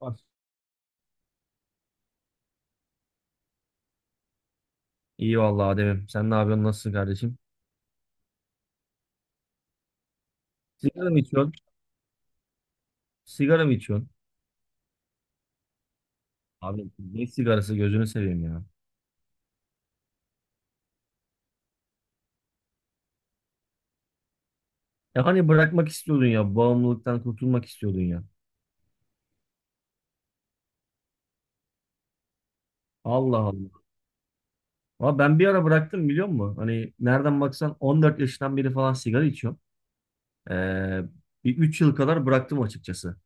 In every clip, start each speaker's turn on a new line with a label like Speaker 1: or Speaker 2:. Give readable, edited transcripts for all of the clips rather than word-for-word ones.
Speaker 1: Var. İyi vallahi Adem'im. Sen ne yapıyorsun? Nasılsın kardeşim? Sigara mı içiyorsun? Sigara mı içiyorsun? Abi ne sigarası gözünü seveyim ya. Ya hani bırakmak istiyordun ya. Bağımlılıktan kurtulmak istiyordun ya. Allah Allah. Ama ben bir ara bıraktım biliyor musun? Hani nereden baksan 14 yaşından beri falan sigara içiyorum. Ee, bir 3 yıl kadar bıraktım açıkçası.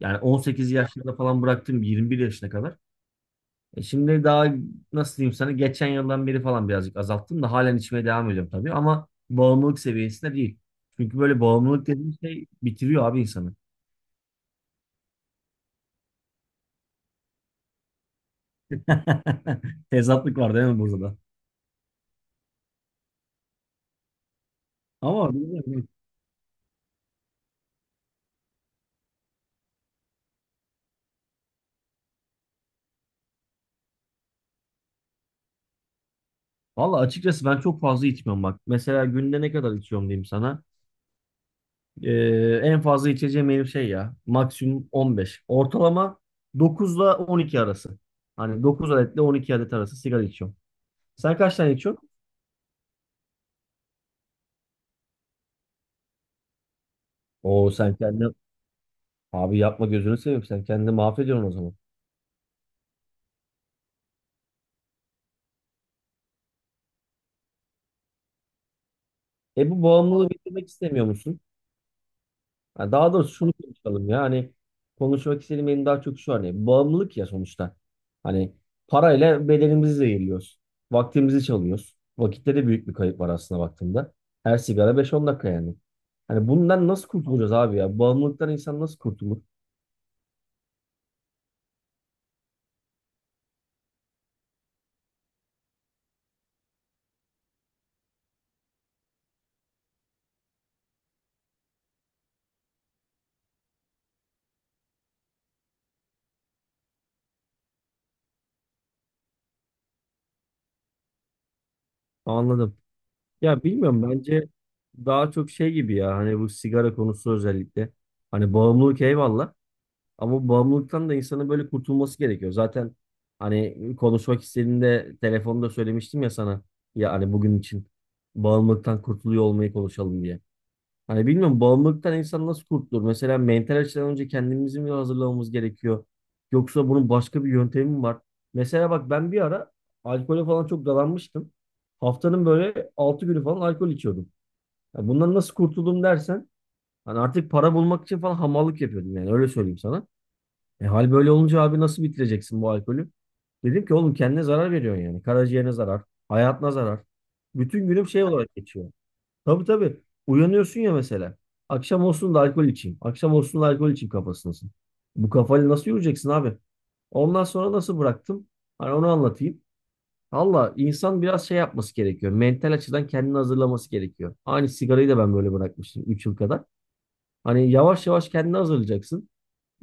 Speaker 1: Yani 18 yaşlarında falan bıraktım 21 yaşına kadar. E şimdi daha nasıl diyeyim sana geçen yıldan beri falan birazcık azalttım da halen içmeye devam ediyorum tabii ama bağımlılık seviyesinde değil. Çünkü böyle bağımlılık dediğin şey bitiriyor abi insanı. Tezatlık var değil mi burada da? Ama bilmiyorum. Valla açıkçası ben çok fazla içmiyorum bak. Mesela günde ne kadar içiyorum diyeyim sana. Ee, en fazla içeceğim benim şey ya. Maksimum 15. Ortalama 9 ile 12 arası. Hani 9 adetle 12 adet arası sigara içiyorum. Sen kaç tane içiyorsun? Oo sen kendine Abi yapma gözünü seveyim sen kendini mahvediyorsun o zaman. E bu bağımlılığı bitirmek istemiyor musun? Ha, daha doğrusu şunu konuşalım ya hani konuşmak istediğim benim daha çok şu hani bağımlılık ya sonuçta. Hani parayla bedenimizi zehirliyoruz. Vaktimizi çalıyoruz. Vakitte de büyük bir kayıp var aslında baktığında. Her sigara beş on dakika yani. Hani bundan nasıl kurtulacağız abi ya? Bağımlılıktan insan nasıl kurtulur? Anladım. Ya bilmiyorum bence daha çok şey gibi ya hani bu sigara konusu özellikle. Hani bağımlılık eyvallah. Ama bu bağımlılıktan da insanın böyle kurtulması gerekiyor. Zaten hani konuşmak istediğinde telefonda söylemiştim ya sana. Ya hani bugün için bağımlılıktan kurtuluyor olmayı konuşalım diye. Hani bilmiyorum bağımlılıktan insan nasıl kurtulur? Mesela mental açıdan önce kendimizi mi hazırlamamız gerekiyor? Yoksa bunun başka bir yöntemi mi var? Mesela bak ben bir ara alkole falan çok dalanmıştım. Haftanın böyle 6 günü falan alkol içiyordum. Ya bundan nasıl kurtuldum dersen hani artık para bulmak için falan hamallık yapıyordum yani öyle söyleyeyim sana. E, hal böyle olunca abi nasıl bitireceksin bu alkolü? Dedim ki oğlum kendine zarar veriyorsun yani. Karaciğerine zarar, hayatına zarar. Bütün günüm şey olarak geçiyor. Tabii tabii. Uyanıyorsun ya mesela. Akşam olsun da alkol içeyim. Akşam olsun da alkol içeyim kafasındasın. Bu kafayla nasıl yürüyeceksin abi? Ondan sonra nasıl bıraktım? Hani onu anlatayım. Valla insan biraz şey yapması gerekiyor. Mental açıdan kendini hazırlaması gerekiyor. Aynı sigarayı da ben böyle bırakmıştım 3 yıl kadar. Hani yavaş yavaş kendini hazırlayacaksın.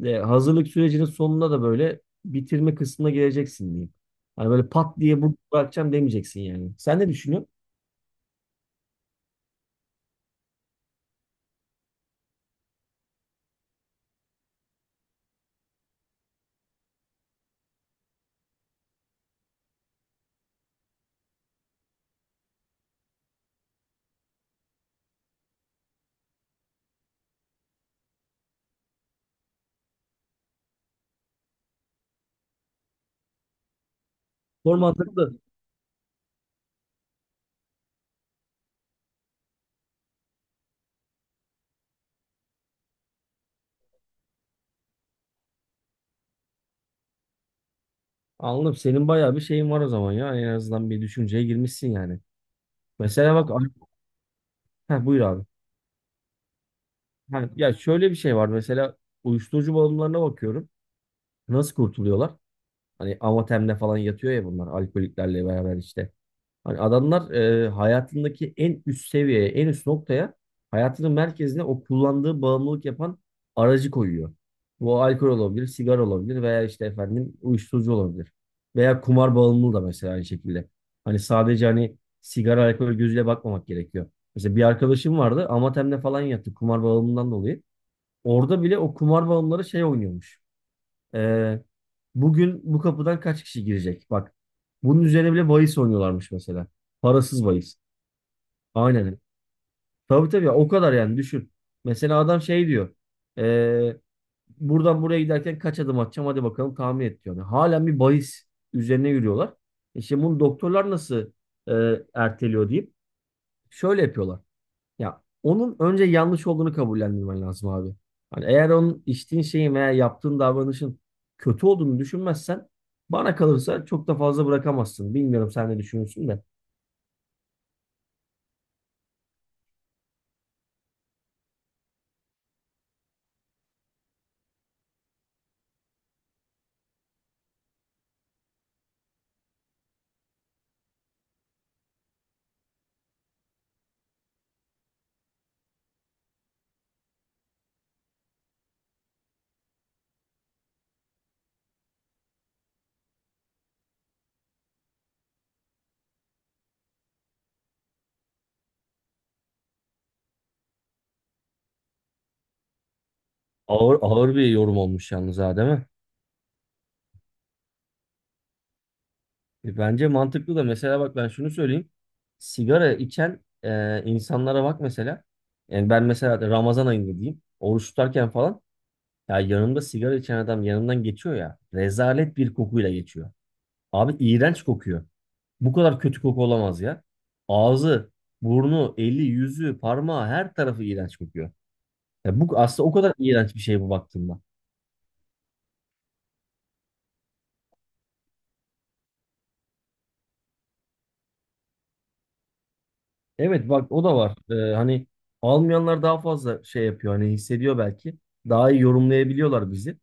Speaker 1: E, hazırlık sürecinin sonunda da böyle bitirme kısmına geleceksin diyeyim. Hani böyle pat diye bu bırakacağım demeyeceksin yani. Sen ne düşünüyorsun? Form da anladım. Senin bayağı bir şeyin var o zaman ya. En azından bir düşünceye girmişsin yani. Mesela bak. Heh, buyur abi. Ha, ya şöyle bir şey var mesela uyuşturucu bağımlılarına bakıyorum. Nasıl kurtuluyorlar? Hani amatemle falan yatıyor ya bunlar alkoliklerle beraber işte. Hani adamlar hayatındaki en üst seviyeye, en üst noktaya hayatının merkezine o kullandığı bağımlılık yapan aracı koyuyor. Bu alkol olabilir, sigara olabilir veya işte efendim uyuşturucu olabilir. Veya kumar bağımlılığı da mesela aynı şekilde. Hani sadece hani sigara, alkol gözüyle bakmamak gerekiyor. Mesela bir arkadaşım vardı, Amatem'de falan yattı kumar bağımlılığından dolayı. Orada bile o kumar bağımlıları şey oynuyormuş. Ee, bugün bu kapıdan kaç kişi girecek? Bak bunun üzerine bile bahis oynuyorlarmış mesela. Parasız bahis. Aynen. Tabii tabii ya, o kadar yani düşün. Mesela adam şey diyor. ee, buradan buraya giderken kaç adım atacağım hadi bakalım tahmin et diyor. Yani halen bir bahis üzerine yürüyorlar. İşte bunu doktorlar nasıl e, erteliyor deyip şöyle yapıyorlar. Ya onun önce yanlış olduğunu kabullendirmen lazım abi. Hani eğer onun içtiğin şeyin veya yaptığın davranışın kötü olduğunu düşünmezsen bana kalırsa çok da fazla bırakamazsın. Bilmiyorum sen ne düşünüyorsun da. Ağır ağır bir yorum olmuş yalnız ha değil mi? E, bence mantıklı da mesela bak ben şunu söyleyeyim. Sigara içen insanlara bak mesela. Yani ben mesela Ramazan ayında diyeyim. Oruç tutarken falan ya yanımda sigara içen adam yanımdan geçiyor ya. Rezalet bir kokuyla geçiyor. Abi iğrenç kokuyor. Bu kadar kötü koku olamaz ya. Ağzı, burnu, eli, yüzü, parmağı her tarafı iğrenç kokuyor. Ya bu aslında o kadar iğrenç bir şey bu baktığında. Evet bak o da var. Hani almayanlar daha fazla şey yapıyor hani hissediyor belki. Daha iyi yorumlayabiliyorlar bizi.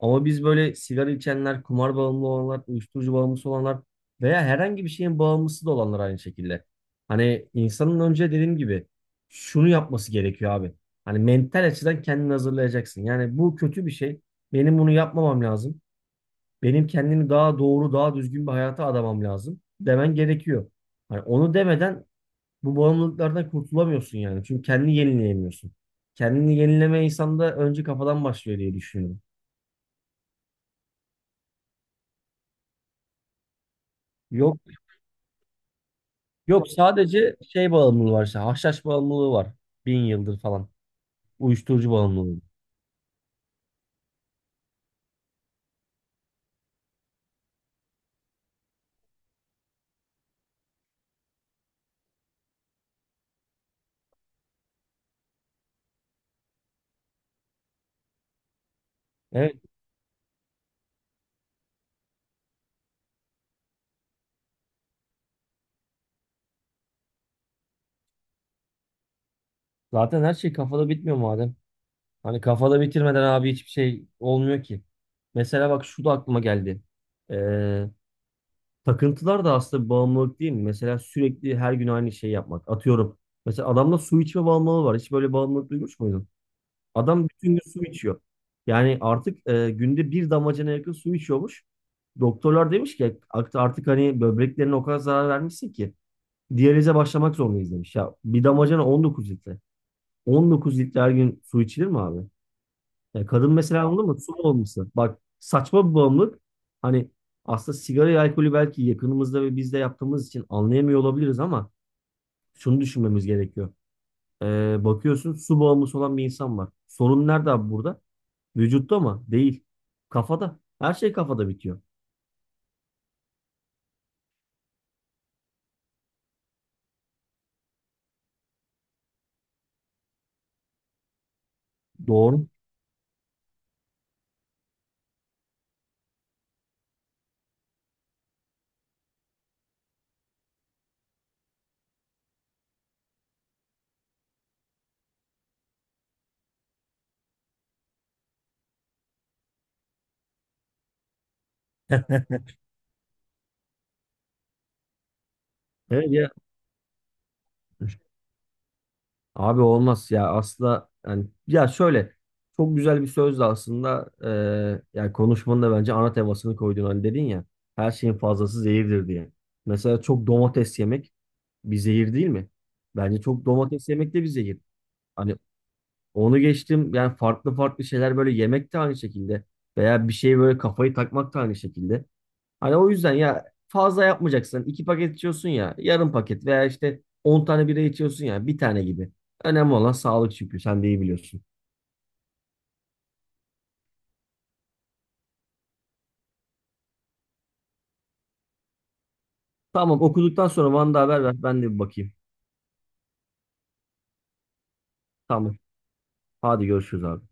Speaker 1: Ama biz böyle sigara içenler, kumar bağımlı olanlar, uyuşturucu bağımlısı olanlar veya herhangi bir şeyin bağımlısı da olanlar aynı şekilde. Hani insanın önce dediğim gibi şunu yapması gerekiyor abi. Hani mental açıdan kendini hazırlayacaksın. Yani bu kötü bir şey. Benim bunu yapmamam lazım. Benim kendimi daha doğru, daha düzgün bir hayata adamam lazım demen gerekiyor. Hani onu demeden bu bağımlılıklardan kurtulamıyorsun yani. Çünkü kendini yenileyemiyorsun. Kendini yenileme insanda önce kafadan başlıyor diye düşünüyorum. Yok yok sadece şey bağımlılığı var işte. Haşhaş bağımlılığı var. Bin yıldır falan. Uyuşturucu bağımlılığı. Evet. Zaten her şey kafada bitmiyor madem. Hani kafada bitirmeden abi hiçbir şey olmuyor ki. Mesela bak şu da aklıma geldi. Ee, takıntılar da aslında bir bağımlılık değil mi? Mesela sürekli her gün aynı şeyi yapmak. Atıyorum. Mesela adamda su içme bağımlılığı var. Hiç böyle bağımlılık duymuş muydun? Adam bütün gün su içiyor. Yani artık günde bir damacana yakın su içiyormuş. Doktorlar demiş ki "Artık hani böbreklerine o kadar zarar vermişsin ki diyalize başlamak zorundayız demiş. Ya bir damacana 19 litre. 19 litre her gün su içilir mi abi? Ya kadın mesela anladın mı? Su bağımlısı. Bak saçma bir bağımlılık. Hani aslında sigarayı, alkolü belki yakınımızda ve biz de yaptığımız için anlayamıyor olabiliriz ama şunu düşünmemiz gerekiyor. E, bakıyorsun su bağımlısı olan bir insan var. Sorun nerede abi burada? Vücutta mı? Değil. Kafada. Her şey kafada bitiyor. Doğru. Evet ya. Abi olmaz ya aslında yani ya şöyle çok güzel bir söz de aslında yani konuşmanın da bence ana temasını koydun hani dedin ya her şeyin fazlası zehirdir diye. Mesela çok domates yemek bir zehir değil mi? Bence çok domates yemek de bir zehir. Hani onu geçtim yani farklı farklı şeyler böyle yemek de aynı şekilde veya bir şeye böyle kafayı takmak da aynı şekilde. Hani o yüzden ya fazla yapmayacaksın. 2 paket içiyorsun ya yarım paket veya işte 10 tane bira içiyorsun ya bir tane gibi. Önemli olan sağlık çünkü sen de iyi biliyorsun. Tamam okuduktan sonra bana da haber ver ben de bir bakayım. Tamam hadi görüşürüz abi.